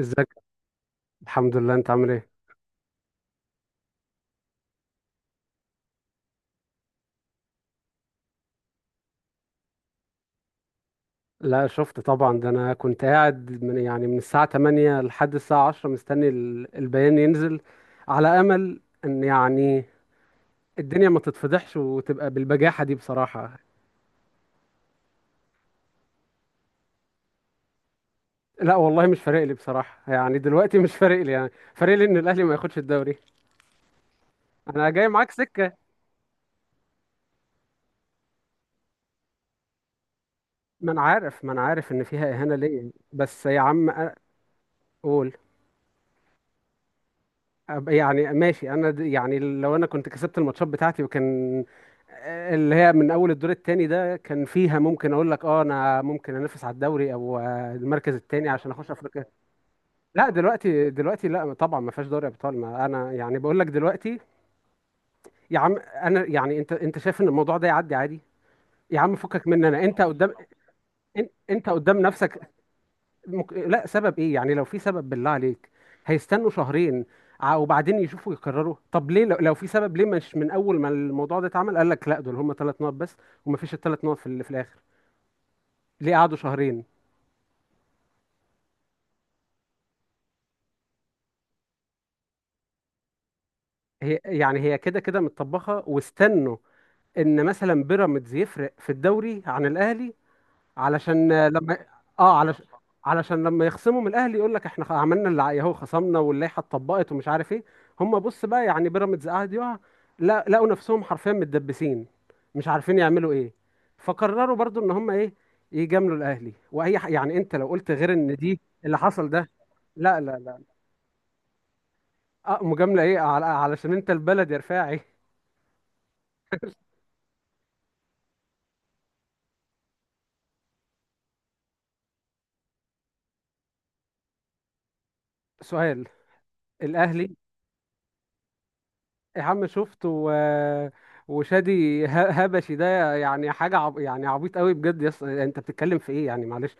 ازيك؟ الحمد لله، انت عامل ايه؟ لا، شفت طبعا. ده انا كنت قاعد من الساعة 8 لحد الساعة 10 مستني البيان ينزل، على امل ان يعني الدنيا ما تتفضحش وتبقى بالبجاحة دي بصراحة. لا والله، مش فارق لي بصراحة. يعني دلوقتي مش فارق لي يعني. فارق لي ان الاهلي ما ياخدش الدوري. انا جاي معاك سكة. ما انا عارف ان فيها اهانة ليا، بس يا عم قول. يعني ماشي، انا يعني لو انا كنت كسبت الماتشات بتاعتي، وكان اللي هي من اول الدور الثاني ده، كان فيها ممكن اقول لك اه انا ممكن انافس على الدوري، او المركز الثاني عشان اخش افريقيا. لا دلوقتي، لا طبعا ما فيهاش دوري ابطال. ما انا يعني بقول لك دلوقتي. يا عم انا يعني انت شايف ان الموضوع ده يعدي عادي؟ يا عم فكك مني، انا انت قدام. انت قدام نفسك. لا، سبب ايه يعني؟ لو في سبب بالله عليك، هيستنوا شهرين؟ وبعدين يشوفوا يكرروا؟ طب ليه لو في سبب ليه مش من اول ما الموضوع ده اتعمل قال لك لا دول هم 3 نقط بس، ومفيش الـ 3 نقط في الاخر؟ ليه قعدوا شهرين؟ هي كده كده متطبخه، واستنوا ان مثلا بيراميدز يفرق في الدوري عن الاهلي. علشان لما اه علشان، علشان لما يخصموا من الاهلي يقول لك احنا عملنا اللي عليه، اهو خصمنا واللائحه اتطبقت، ومش عارف ايه. هم بص بقى، يعني بيراميدز قعد يقع، لا، لقوا نفسهم حرفيا متدبسين، مش عارفين يعملوا ايه، فقرروا برضو ان هم ايه، يجاملوا الاهلي. واي يعني انت لو قلت غير ان دي اللي حصل ده، لا لا لا. اه، مجامله ايه علشان انت البلد يا رفاعي. سؤال، الاهلي. يا عم شفت وشادي هبشي، ده يعني حاجة يعني عبيط قوي بجد. انت بتتكلم في ايه يعني؟ معلش،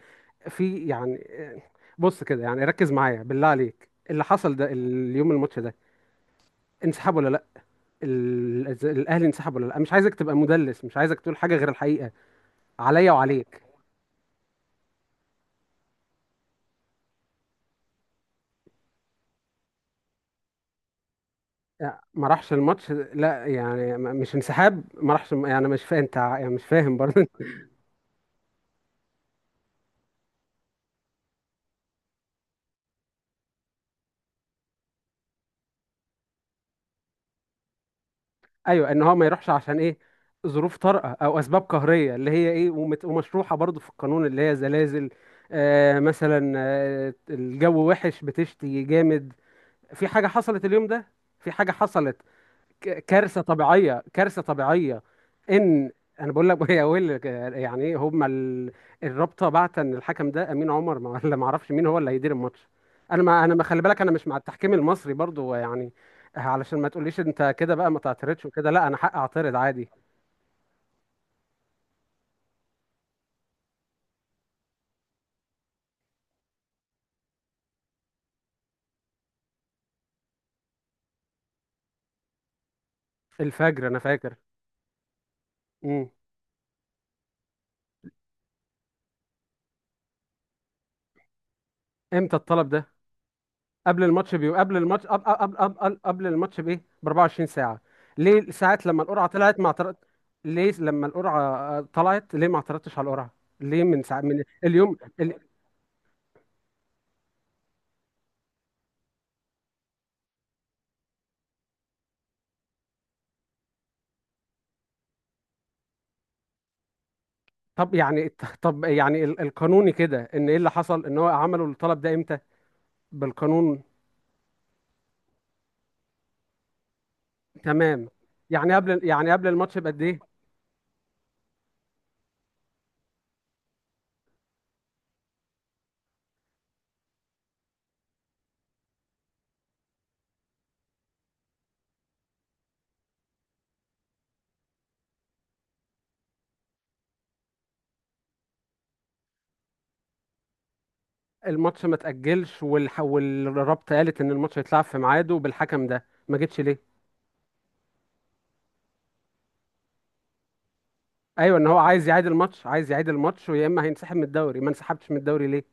في يعني، بص كده يعني، ركز معايا بالله عليك، اللي حصل ده اليوم الماتش ده، انسحاب ولا لا؟ الاهلي انسحب ولا لا؟ مش عايزك تبقى مدلس، مش عايزك تقول حاجة غير الحقيقة، عليا وعليك. لا، ما راحش الماتش، لا يعني مش انسحاب، ما راحش يعني؟ مش فاهم انت يعني؟ مش فاهم برضه. ايوه، ان هو ما يروحش عشان ايه؟ ظروف طارئه او اسباب قهريه، اللي هي ايه، ومشروحه برضو في القانون، اللي هي زلازل، مثلا، الجو وحش، بتشتي جامد، في حاجه حصلت اليوم ده، في حاجه حصلت، كارثه طبيعيه، كارثه طبيعيه. ان، انا بقول لك، يا ويل يعني ايه هما الرابطه بعت ان الحكم ده امين عمر ولا ما اعرفش مين هو اللي هيدير الماتش. انا ما انا ما خلي بالك، انا مش مع التحكيم المصري برضو يعني. علشان ما تقوليش انت كده بقى ما تعترضش وكده، لا انا حق اعترض عادي. الفجر انا فاكر. امم. امتى الطلب ده؟ قبل الماتش بيو قبل الماتش قبل قبل قبل, قبل الماتش بايه، ب 24 ساعه؟ ليه ساعات لما القرعه طلعت ما اعترضت؟ ليه لما القرعه طلعت ليه ما اعترضتش على القرعه؟ ليه من ساعه من اليوم طب يعني، طب يعني القانوني كده، ان ايه اللي حصل ان هو عملوا الطلب ده امتى بالقانون؟ تمام. يعني قبل الماتش بقد ايه؟ الماتش ما تأجلش، والرابطه قالت ان الماتش هيتلعب في ميعاده، بالحكم ده ما جتش ليه؟ ايوه، ان هو عايز يعيد الماتش، ويا اما هينسحب من الدوري، ما انسحبتش من الدوري ليه؟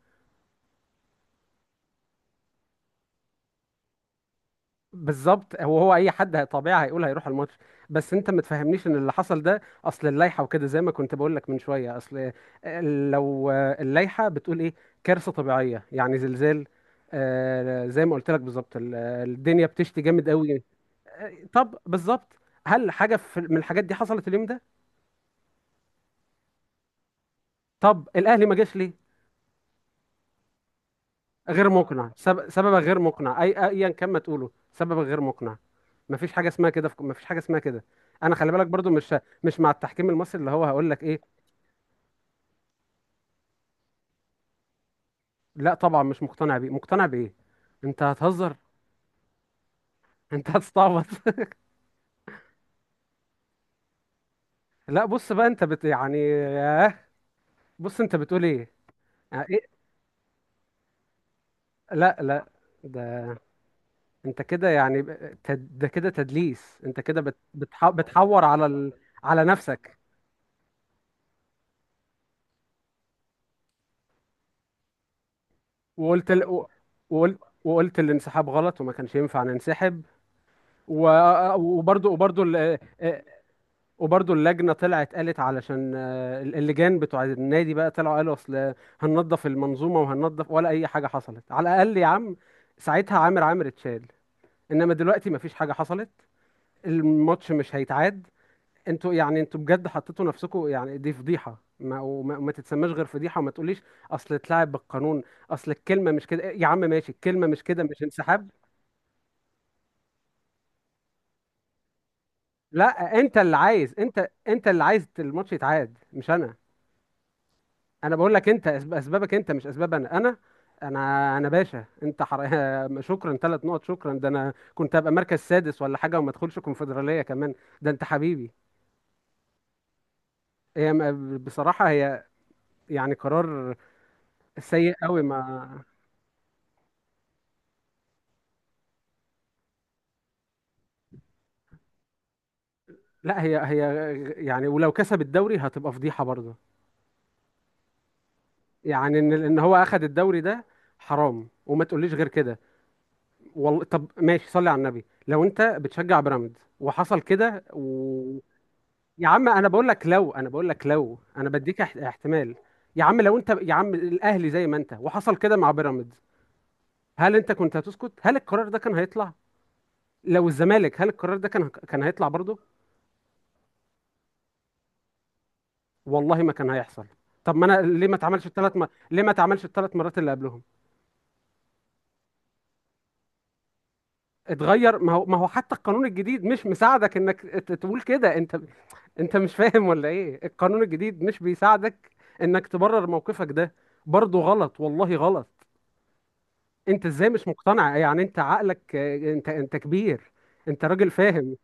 بالظبط. هو اي حد طبيعي هيقول هيروح الماتش. بس انت ما تفهمنيش ان اللي حصل ده اصل اللائحه وكده، زي ما كنت بقول لك من شويه، اصل لو اللائحه بتقول ايه؟ كارثه طبيعيه يعني زلزال، زي ما قلت لك بالظبط، الدنيا بتشتي جامد قوي. طب بالظبط، هل حاجه في من الحاجات دي حصلت اليوم ده؟ طب الاهلي ما جاش ليه؟ غير مقنع. سبب غير مقنع، اي ايا كان ما تقوله سبب غير مقنع. مفيش حاجه اسمها كده مفيش حاجه اسمها كده. انا خلي بالك برضو مش مع التحكيم المصري. اللي هو هقول لك ايه؟ لا طبعا مش مقتنع بيه، مقتنع بايه؟ انت هتهزر؟ انت هتستعبط. لا بص بقى، انت يعني ياه. بص انت بتقول ايه؟ يعني ايه؟ لا لا. ده انت كده، يعني ده كده تدليس. انت كده بتحور على على نفسك. وقلت ال... وقلت وقلت الانسحاب غلط وما كانش ينفع ننسحب. وبرضو ال- آه، وبرضو اللجنة طلعت قالت، علشان اللجان بتوع النادي بقى طلعوا قالوا اصل هننظف المنظومة وهننظف، ولا أي حاجة حصلت. على الأقل يا عم ساعتها عامر عامر اتشال. إنما دلوقتي مفيش حاجة حصلت، الماتش مش هيتعاد. انتوا بجد حطيتوا نفسكم، يعني دي فضيحة، ما وما وما تتسماش غير فضيحة. وما تقوليش اصل اتلعب بالقانون، اصل الكلمة مش كده يا عم، ماشي. الكلمة مش كده، مش انسحاب. لا، انت اللي عايز الماتش يتعاد، مش انا. انا بقول لك، انت اسبابك انت، مش اسباب انا. انا باشا، انت شكرا 3 نقط، شكرا. ده انا كنت هبقى مركز سادس ولا حاجه، وما ادخلش كونفدراليه كمان. ده انت حبيبي. بصراحه، هي يعني قرار سيء قوي. ما، لا، هي، يعني ولو كسب الدوري هتبقى فضيحه برضه. يعني ان هو اخد الدوري ده حرام، وما تقوليش غير كده. والله طب ماشي، صلي على النبي لو انت بتشجع بيراميدز وحصل كده يا عم انا بقول لك، لو انا بديك احتمال. يا عم لو انت يا عم الاهلي زي ما انت، وحصل كده مع بيراميدز، هل انت كنت هتسكت؟ هل القرار ده كان هيطلع؟ لو الزمالك، هل القرار ده كان هيطلع برضه؟ والله ما كان هيحصل. طب ما انا ليه ما اتعملش الثلاث ليه ما اتعملش الـ 3 مرات اللي قبلهم؟ اتغير، ما هو حتى القانون الجديد مش مساعدك انك تقول كده. انت انت مش فاهم ولا ايه؟ القانون الجديد مش بيساعدك انك تبرر موقفك ده. برضه غلط، والله غلط. انت ازاي مش مقتنع؟ يعني انت عقلك، انت كبير، انت راجل فاهم.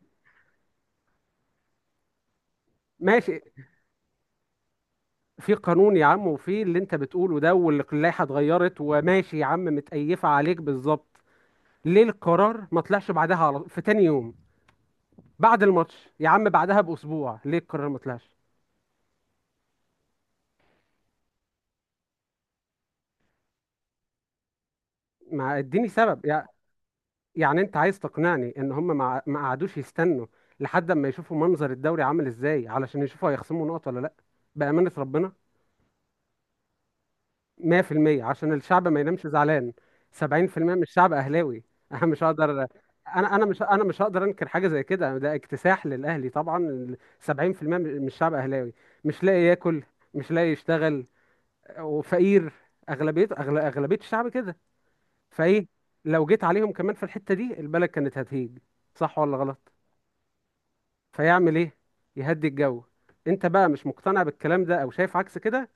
ماشي. في قانون يا عم، وفي اللي انت بتقوله ده، واللائحة اتغيرت، وماشي يا عم، متقيفة عليك بالظبط. ليه القرار ما طلعش بعدها على في تاني يوم بعد الماتش؟ يا عم بعدها بأسبوع ليه القرار ما طلعش؟ ما اديني سبب يعني انت عايز تقنعني ان هم ما قعدوش يستنوا لحد اما يشوفوا منظر الدوري عامل ازاي، علشان يشوفوا هيخصموا نقط ولا لا؟ بأمانة ربنا 100% عشان الشعب ما ينامش زعلان. 70% من الشعب اهلاوي. انا مش هقدر انا. انا مش هقدر انكر حاجة زي كده، ده اكتساح للاهلي طبعا. 70% من الشعب اهلاوي، مش لاقي ياكل، مش لاقي يشتغل، وفقير. اغلبية، اغلبية الشعب كده. فايه؟ لو جيت عليهم كمان في الحتة دي البلد كانت هتهيج، صح ولا غلط؟ فيعمل ايه؟ يهدي الجو. انت بقى مش مقتنع بالكلام ده او شايف عكس كده،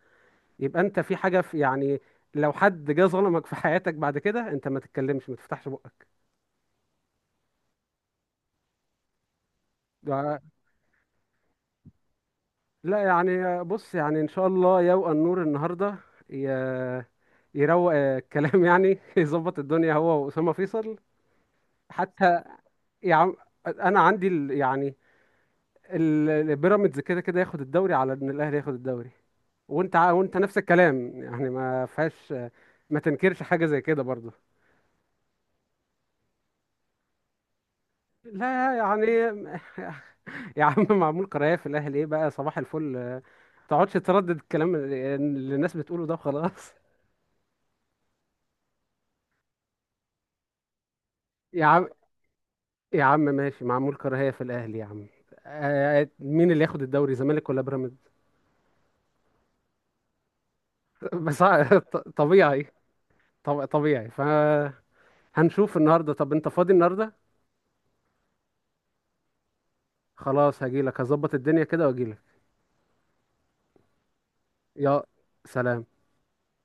يبقى انت في حاجة، في يعني، لو حد جه ظلمك في حياتك بعد كده انت ما تتكلمش، ما تفتحش بقك. ده- لا يعني، بص يعني، ان شاء الله يوقع النور النهارده، ي- يروق الكلام، يعني يظبط الدنيا هو وأسامة فيصل. حتى يا عم، انا عندي بيراميدز كده كده ياخد الدوري على ان الاهلي ياخد الدوري. وانت وانت نفس الكلام، يعني ما فيهاش، ما تنكرش حاجه زي كده برضه. لا يعني، يا عم، معمول قرايه في الاهلي ايه بقى؟ صباح الفل، ما تقعدش تردد الكلام اللي الناس بتقوله ده، خلاص. يا عم، يا عم ماشي، معمول كراهيه في الاهلي يا عم. مين اللي ياخد الدوري، زمالك ولا بيراميدز؟ بس طبيعي، طبيعي، فهنشوف النهارده. طب انت فاضي النهارده؟ خلاص هجيلك، هظبط الدنيا كده واجيلك. يا سلام.